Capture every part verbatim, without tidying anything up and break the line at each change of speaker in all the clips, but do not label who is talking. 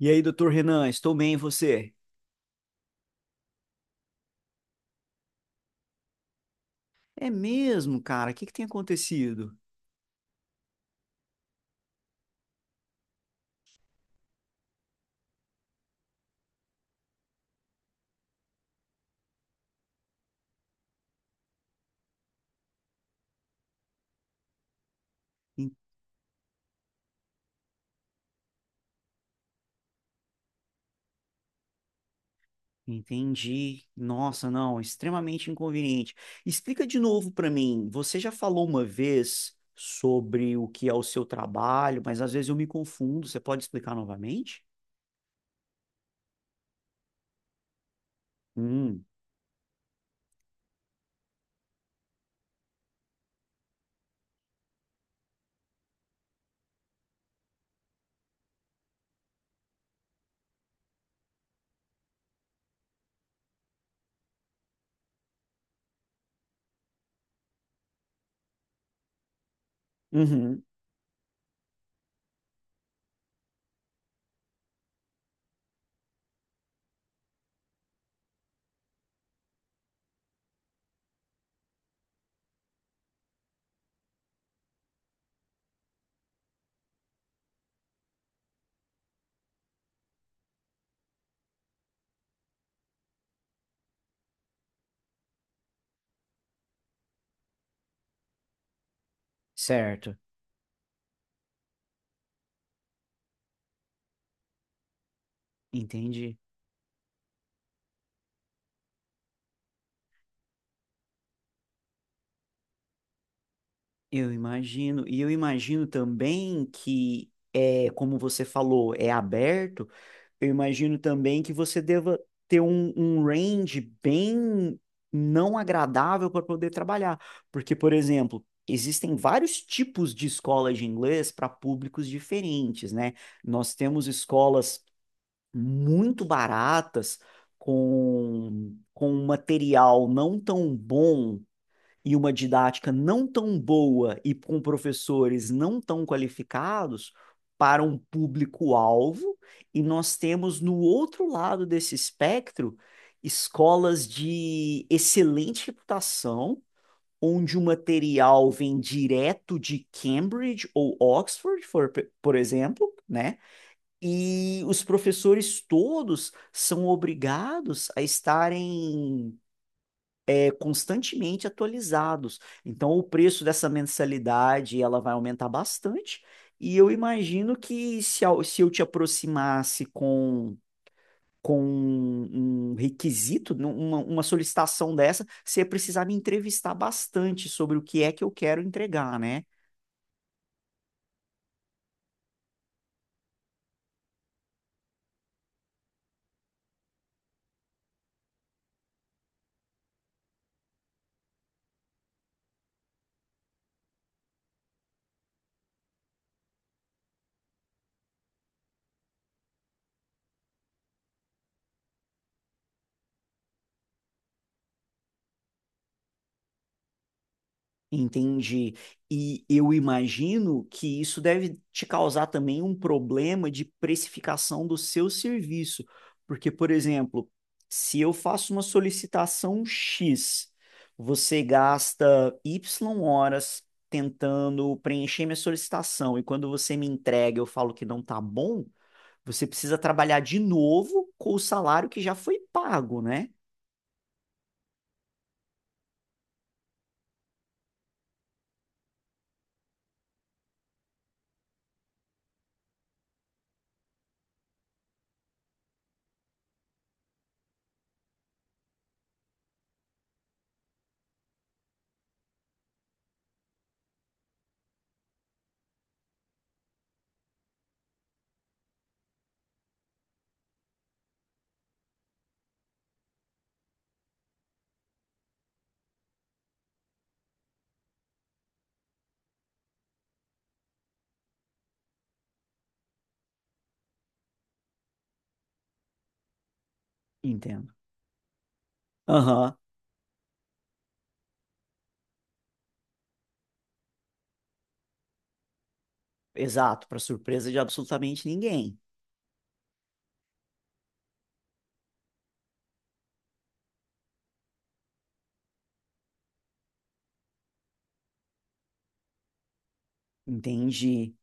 E aí, doutor Renan, estou bem, e você? É mesmo, cara? O que que tem acontecido? En- Entendi. Nossa, não, extremamente inconveniente. Explica de novo para mim. Você já falou uma vez sobre o que é o seu trabalho, mas às vezes eu me confundo. Você pode explicar novamente? Hum, uhum, certo. Entendi. Eu imagino. E eu imagino também que é, como você falou, é aberto. Eu imagino também que você deva ter um, um range bem não agradável para poder trabalhar. Porque, por exemplo, existem vários tipos de escolas de inglês para públicos diferentes, né? Nós temos escolas muito baratas, com, com um material não tão bom e uma didática não tão boa e com professores não tão qualificados para um público-alvo, e nós temos no outro lado desse espectro escolas de excelente reputação, onde o material vem direto de Cambridge ou Oxford, por, por exemplo, né? E os professores todos são obrigados a estarem constantemente atualizados. Então, o preço dessa mensalidade ela vai aumentar bastante. E eu imagino que se eu se eu te aproximasse com, com um requisito, num- uma, uma solicitação dessa, você ia precisar me entrevistar bastante sobre o que é que eu quero entregar, né? Entendi. E eu imagino que isso deve te causar também um problema de precificação do seu serviço. Porque, por exemplo, se eu faço uma solicitação X, você gasta Y horas tentando preencher minha solicitação, e quando você me entrega, eu falo que não tá bom, você precisa trabalhar de novo com o salário que já foi pago, né? Entendo. Aham, exato, para surpresa de absolutamente ninguém. Entendi.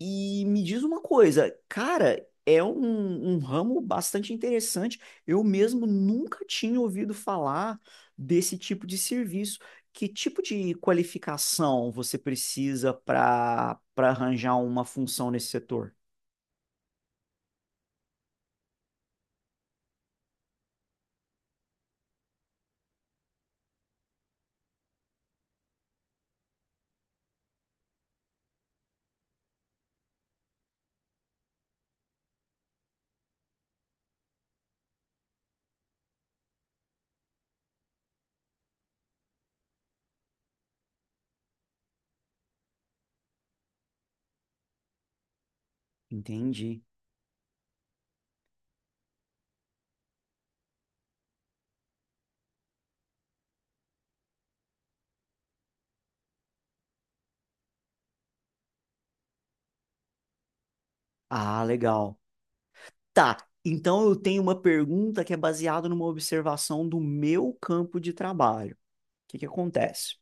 E me diz uma coisa, cara, é um, um ramo bastante interessante. Eu mesmo nunca tinha ouvido falar desse tipo de serviço. Que tipo de qualificação você precisa para para arranjar uma função nesse setor? Entendi. Ah, legal. Tá. Então eu tenho uma pergunta que é baseada numa observação do meu campo de trabalho. O que que acontece?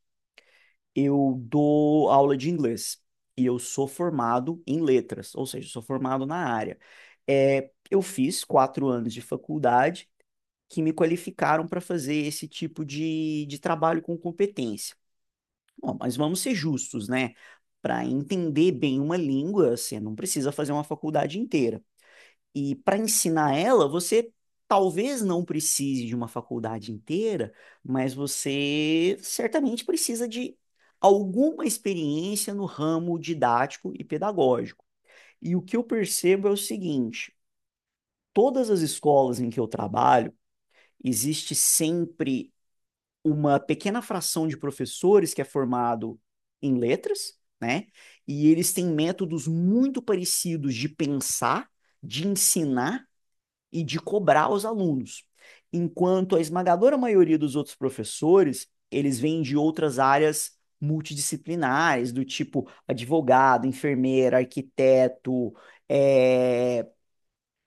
Eu dou aula de inglês e eu sou formado em letras, ou seja, sou formado na área. É, eu fiz quatro anos de faculdade que me qualificaram para fazer esse tipo de, de trabalho com competência. Bom, mas vamos ser justos, né? Para entender bem uma língua, você não precisa fazer uma faculdade inteira. E para ensinar ela, você talvez não precise de uma faculdade inteira, mas você certamente precisa de alguma experiência no ramo didático e pedagógico. E o que eu percebo é o seguinte: todas as escolas em que eu trabalho, existe sempre uma pequena fração de professores que é formado em letras, né? E eles têm métodos muito parecidos de pensar, de ensinar e de cobrar os alunos. Enquanto a esmagadora maioria dos outros professores, eles vêm de outras áreas multidisciplinares, do tipo advogado, enfermeira, arquiteto, é,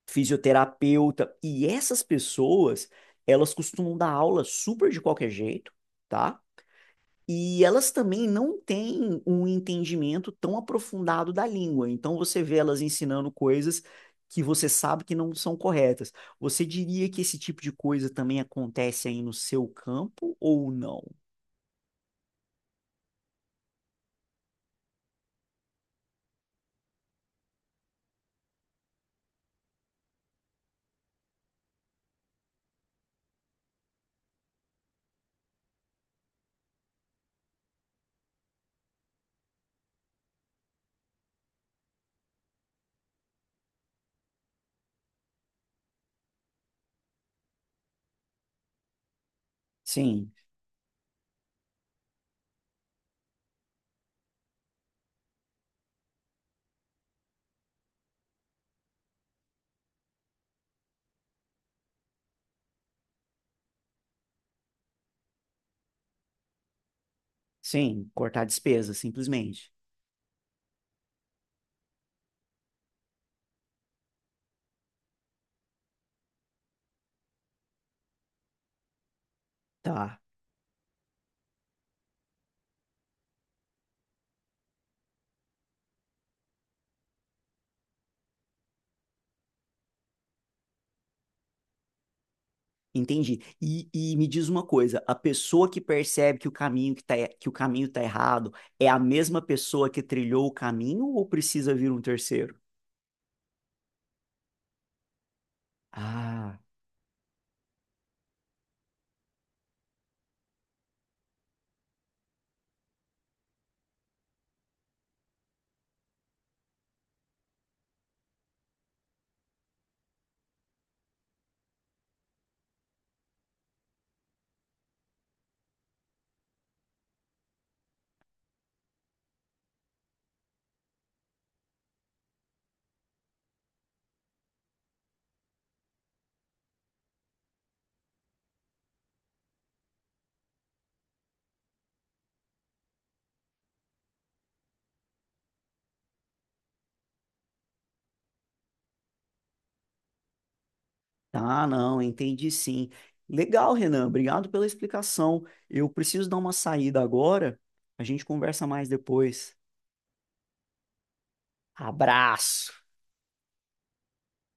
fisioterapeuta. E essas pessoas, elas costumam dar aula super de qualquer jeito, tá? E elas também não têm um entendimento tão aprofundado da língua. Então você vê elas ensinando coisas que você sabe que não são corretas. Você diria que esse tipo de coisa também acontece aí no seu campo ou não? Sim, sim, cortar despesa, simplesmente. Tá, entendi. E, e me diz uma coisa, a pessoa que percebe que o caminho que tá, e- que o caminho tá errado é a mesma pessoa que trilhou o caminho ou precisa vir um terceiro? Ah. Ah, não, entendi sim. Legal, Renan, obrigado pela explicação. Eu preciso dar uma saída agora. A gente conversa mais depois. Abraço!